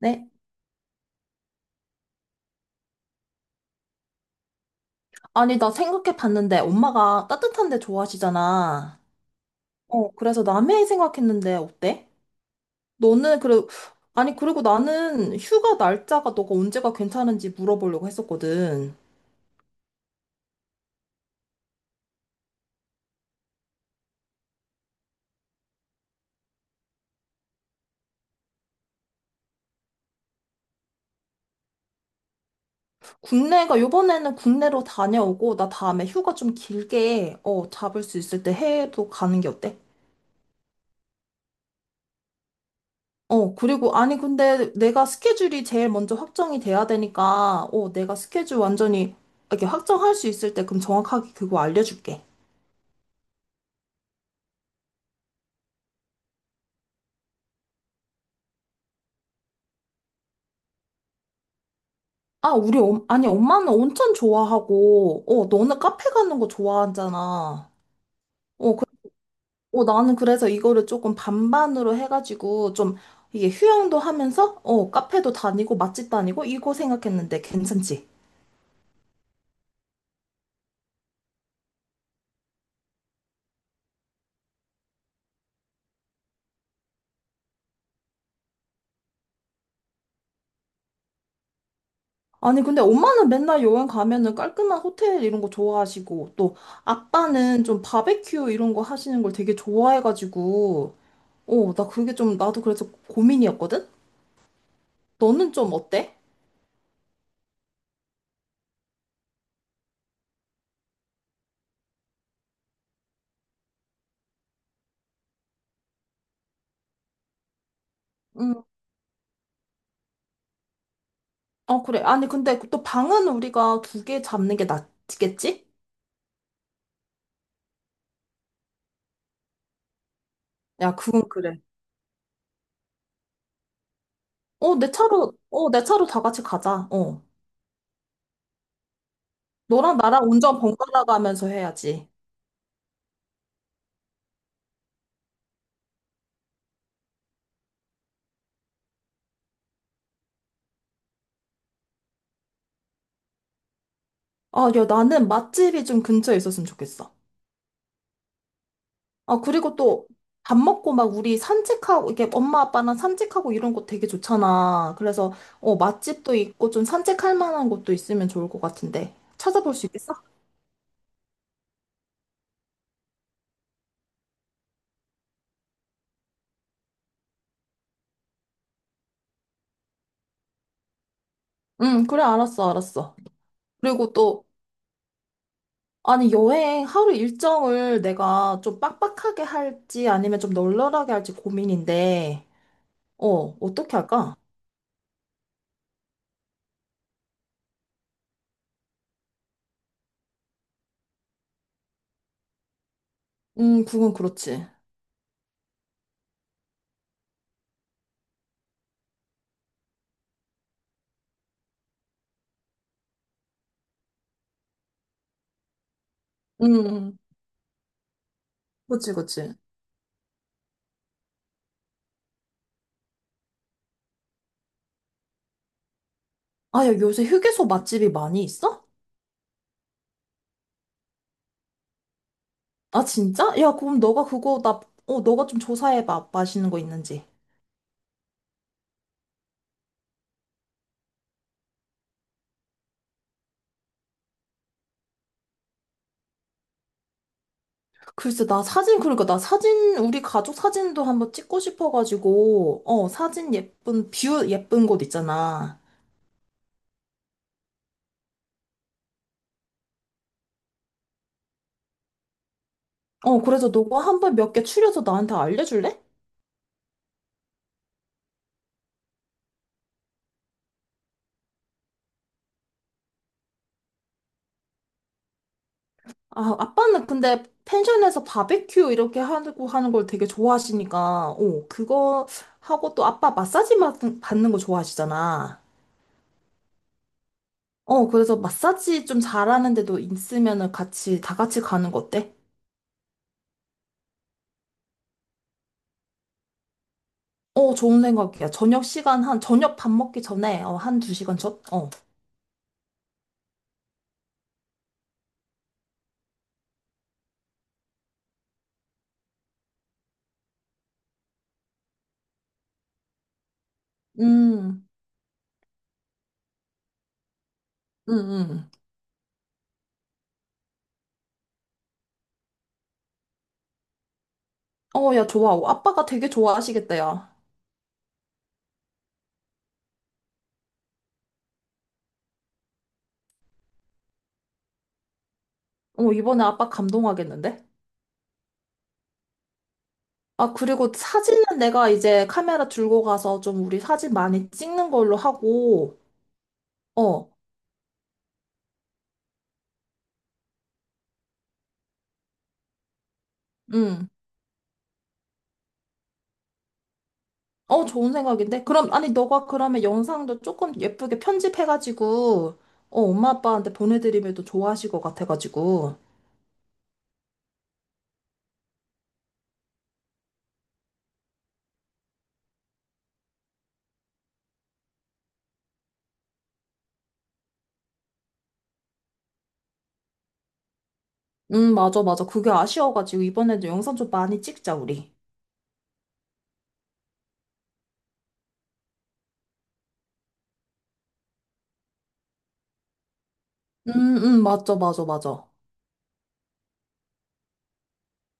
네? 아니, 나 생각해 봤는데 엄마가 따뜻한 데 좋아하시잖아. 그래서 남해 생각했는데 어때? 너는 그래. 아니, 그리고 나는 휴가 날짜가 너가 언제가 괜찮은지 물어보려고 했었거든. 국내가 요번에는 국내로 다녀오고 나 다음에 휴가 좀 길게 잡을 수 있을 때 해외도 가는 게 어때? 그리고 아니 근데 내가 스케줄이 제일 먼저 확정이 돼야 되니까 내가 스케줄 완전히 이렇게 확정할 수 있을 때 그럼 정확하게 그거 알려줄게. 아, 아니, 엄마는 온천 좋아하고, 너는 카페 가는 거 좋아하잖아. 어, 그, 나는 그래서 이거를 조금 반반으로 해가지고, 좀, 이게 휴양도 하면서, 카페도 다니고, 맛집 다니고, 이거 생각했는데, 괜찮지? 아니, 근데 엄마는 맨날 여행 가면은 깔끔한 호텔 이런 거 좋아하시고, 또, 아빠는 좀 바베큐 이런 거 하시는 걸 되게 좋아해가지고, 나 그게 좀, 나도 그래서 고민이었거든? 너는 좀 어때? 음. 어, 그래. 아니, 근데 또 방은 우리가 두 개 잡는 게 낫겠지? 야, 그건 그래. 내 차로 다 같이 가자. 어. 너랑 나랑 운전 번갈아 가면서 해야지. 아, 야, 나는 맛집이 좀 근처에 있었으면 좋겠어. 아, 그리고 또 밥 먹고 막 우리 산책하고, 이게 엄마 아빠랑 산책하고 이런 거 되게 좋잖아. 그래서, 맛집도 있고 좀 산책할 만한 곳도 있으면 좋을 것 같은데. 찾아볼 수 있겠어? 응, 그래, 알았어, 알았어. 그리고 또, 아니, 여행 하루 일정을 내가 좀 빡빡하게 할지 아니면 좀 널널하게 할지 고민인데, 어떻게 할까? 그건 그렇지. 음. 그치, 그치. 아, 야, 요새 휴게소 맛집이 많이 있어? 아, 진짜? 야, 그럼 너가 그거, 나, 어, 너가 좀 조사해봐. 맛있는 거 있는지. 글쎄, 나 사진, 우리 가족 사진도 한번 찍고 싶어가지고, 사진 예쁜, 뷰 예쁜 곳 있잖아. 그래서 너가 한번 몇 개 추려서 나한테 알려줄래? 아, 아빠는 근데 펜션에서 바베큐 이렇게 하고 하는 걸 되게 좋아하시니까, 오, 그거 하고 또 아빠 마사지 받는 거 좋아하시잖아. 그래서 마사지 좀 잘하는데도 있으면은 같이, 다 같이 가는 거 어때? 어, 좋은 생각이야. 저녁 밥 먹기 전에, 한 두 시간 전? 어. 음, 음, 음. 어, 야, 좋아. 어, 아빠가 되게 좋아하시겠다, 야. 어, 이번에 아빠 감동하겠는데? 아, 그리고 사진은 내가 이제 카메라 들고 가서 좀 우리 사진 많이 찍는 걸로 하고, 어, 응. 어, 좋은 생각인데? 그럼, 아니, 너가 그러면 영상도 조금 예쁘게 편집해가지고, 엄마 아빠한테 보내드리면 또 좋아하실 것 같아가지고. 응, 맞아, 맞아. 그게 아쉬워가지고, 이번에도 영상 좀 많이 찍자, 우리. 응, 응, 맞아, 맞아, 맞아.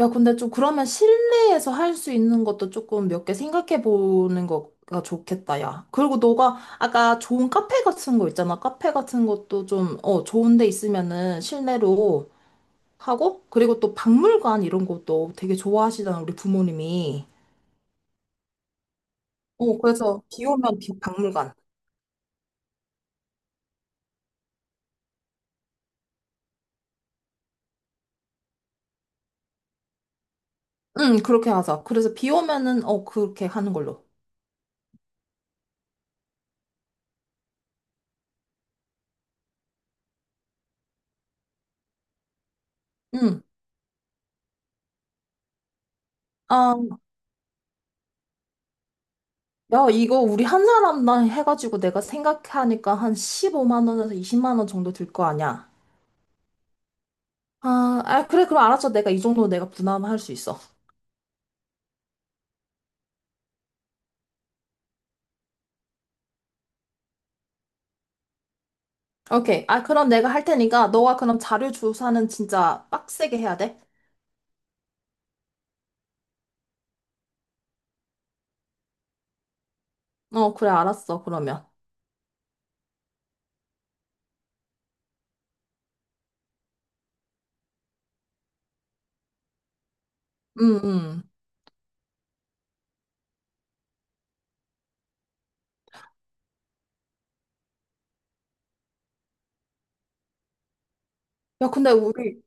야, 근데 좀 그러면 실내에서 할 수 있는 것도 조금 몇 개 생각해 보는 거가 좋겠다, 야. 그리고 너가 아까 좋은 카페 같은 거 있잖아. 카페 같은 것도 좀, 좋은 데 있으면은 실내로 하고, 그리고 또 박물관 이런 것도 되게 좋아하시잖아, 우리 부모님이. 그래서 비 오면 비 박물관. 응, 그렇게 하자. 그래서 비 오면은, 그렇게 하는 걸로. 응. 아, 야, 이거 우리 한 사람당 해가지고 내가 생각하니까 한 15만 원에서 20만 원 정도 들 거 아니야. 아, 아, 그래, 그럼 알았어. 내가 이 정도 내가 부담할 수 있어. 오케이. 아, 그럼 내가 할 테니까, 너가 그럼 자료 조사는 진짜 빡세게 해야 돼? 어, 그래, 알았어, 그러면. 응응. 야, 근데 우리,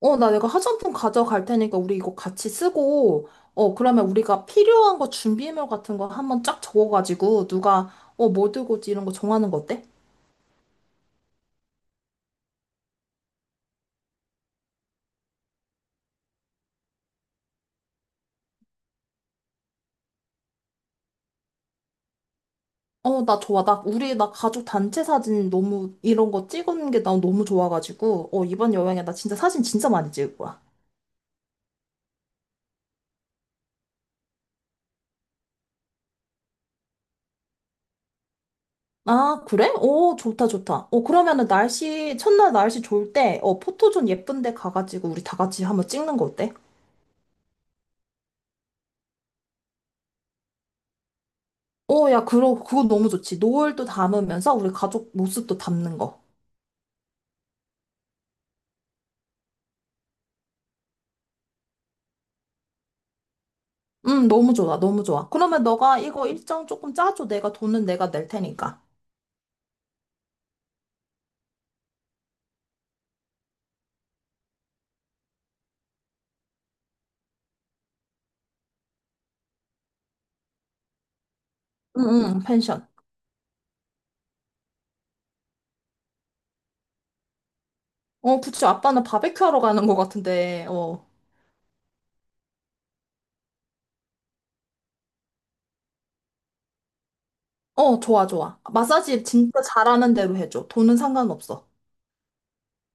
어, 나 내가 화장품 가져갈 테니까, 우리 이거 같이 쓰고, 그러면 우리가 필요한 거 준비물 같은 거 한번 쫙 적어가지고, 누가, 뭐 들고 오지 이런 거 정하는 거 어때? 어, 나 좋아. 나 가족 단체 사진 너무, 이런 거 찍은 게 나 너무 좋아가지고, 이번 여행에 나 진짜 사진 진짜 많이 찍을 거야. 아, 그래? 오, 좋다, 좋다. 어, 그러면은 날씨, 첫날 날씨 좋을 때, 포토존 예쁜 데 가가지고 우리 다 같이 한번 찍는 거 어때? 어, 야, 그거 너무 좋지. 노을도 담으면서 우리 가족 모습도 담는 거. 응 너무 좋아, 너무 좋아. 그러면 너가 이거 일정 조금 짜줘. 내가 돈은 내가 낼 테니까. 응, 응, 펜션. 어, 그치 아빠는 바베큐 하러 가는 거 같은데, 어. 어, 좋아, 좋아. 마사지 진짜 잘하는 대로 해줘. 돈은 상관없어.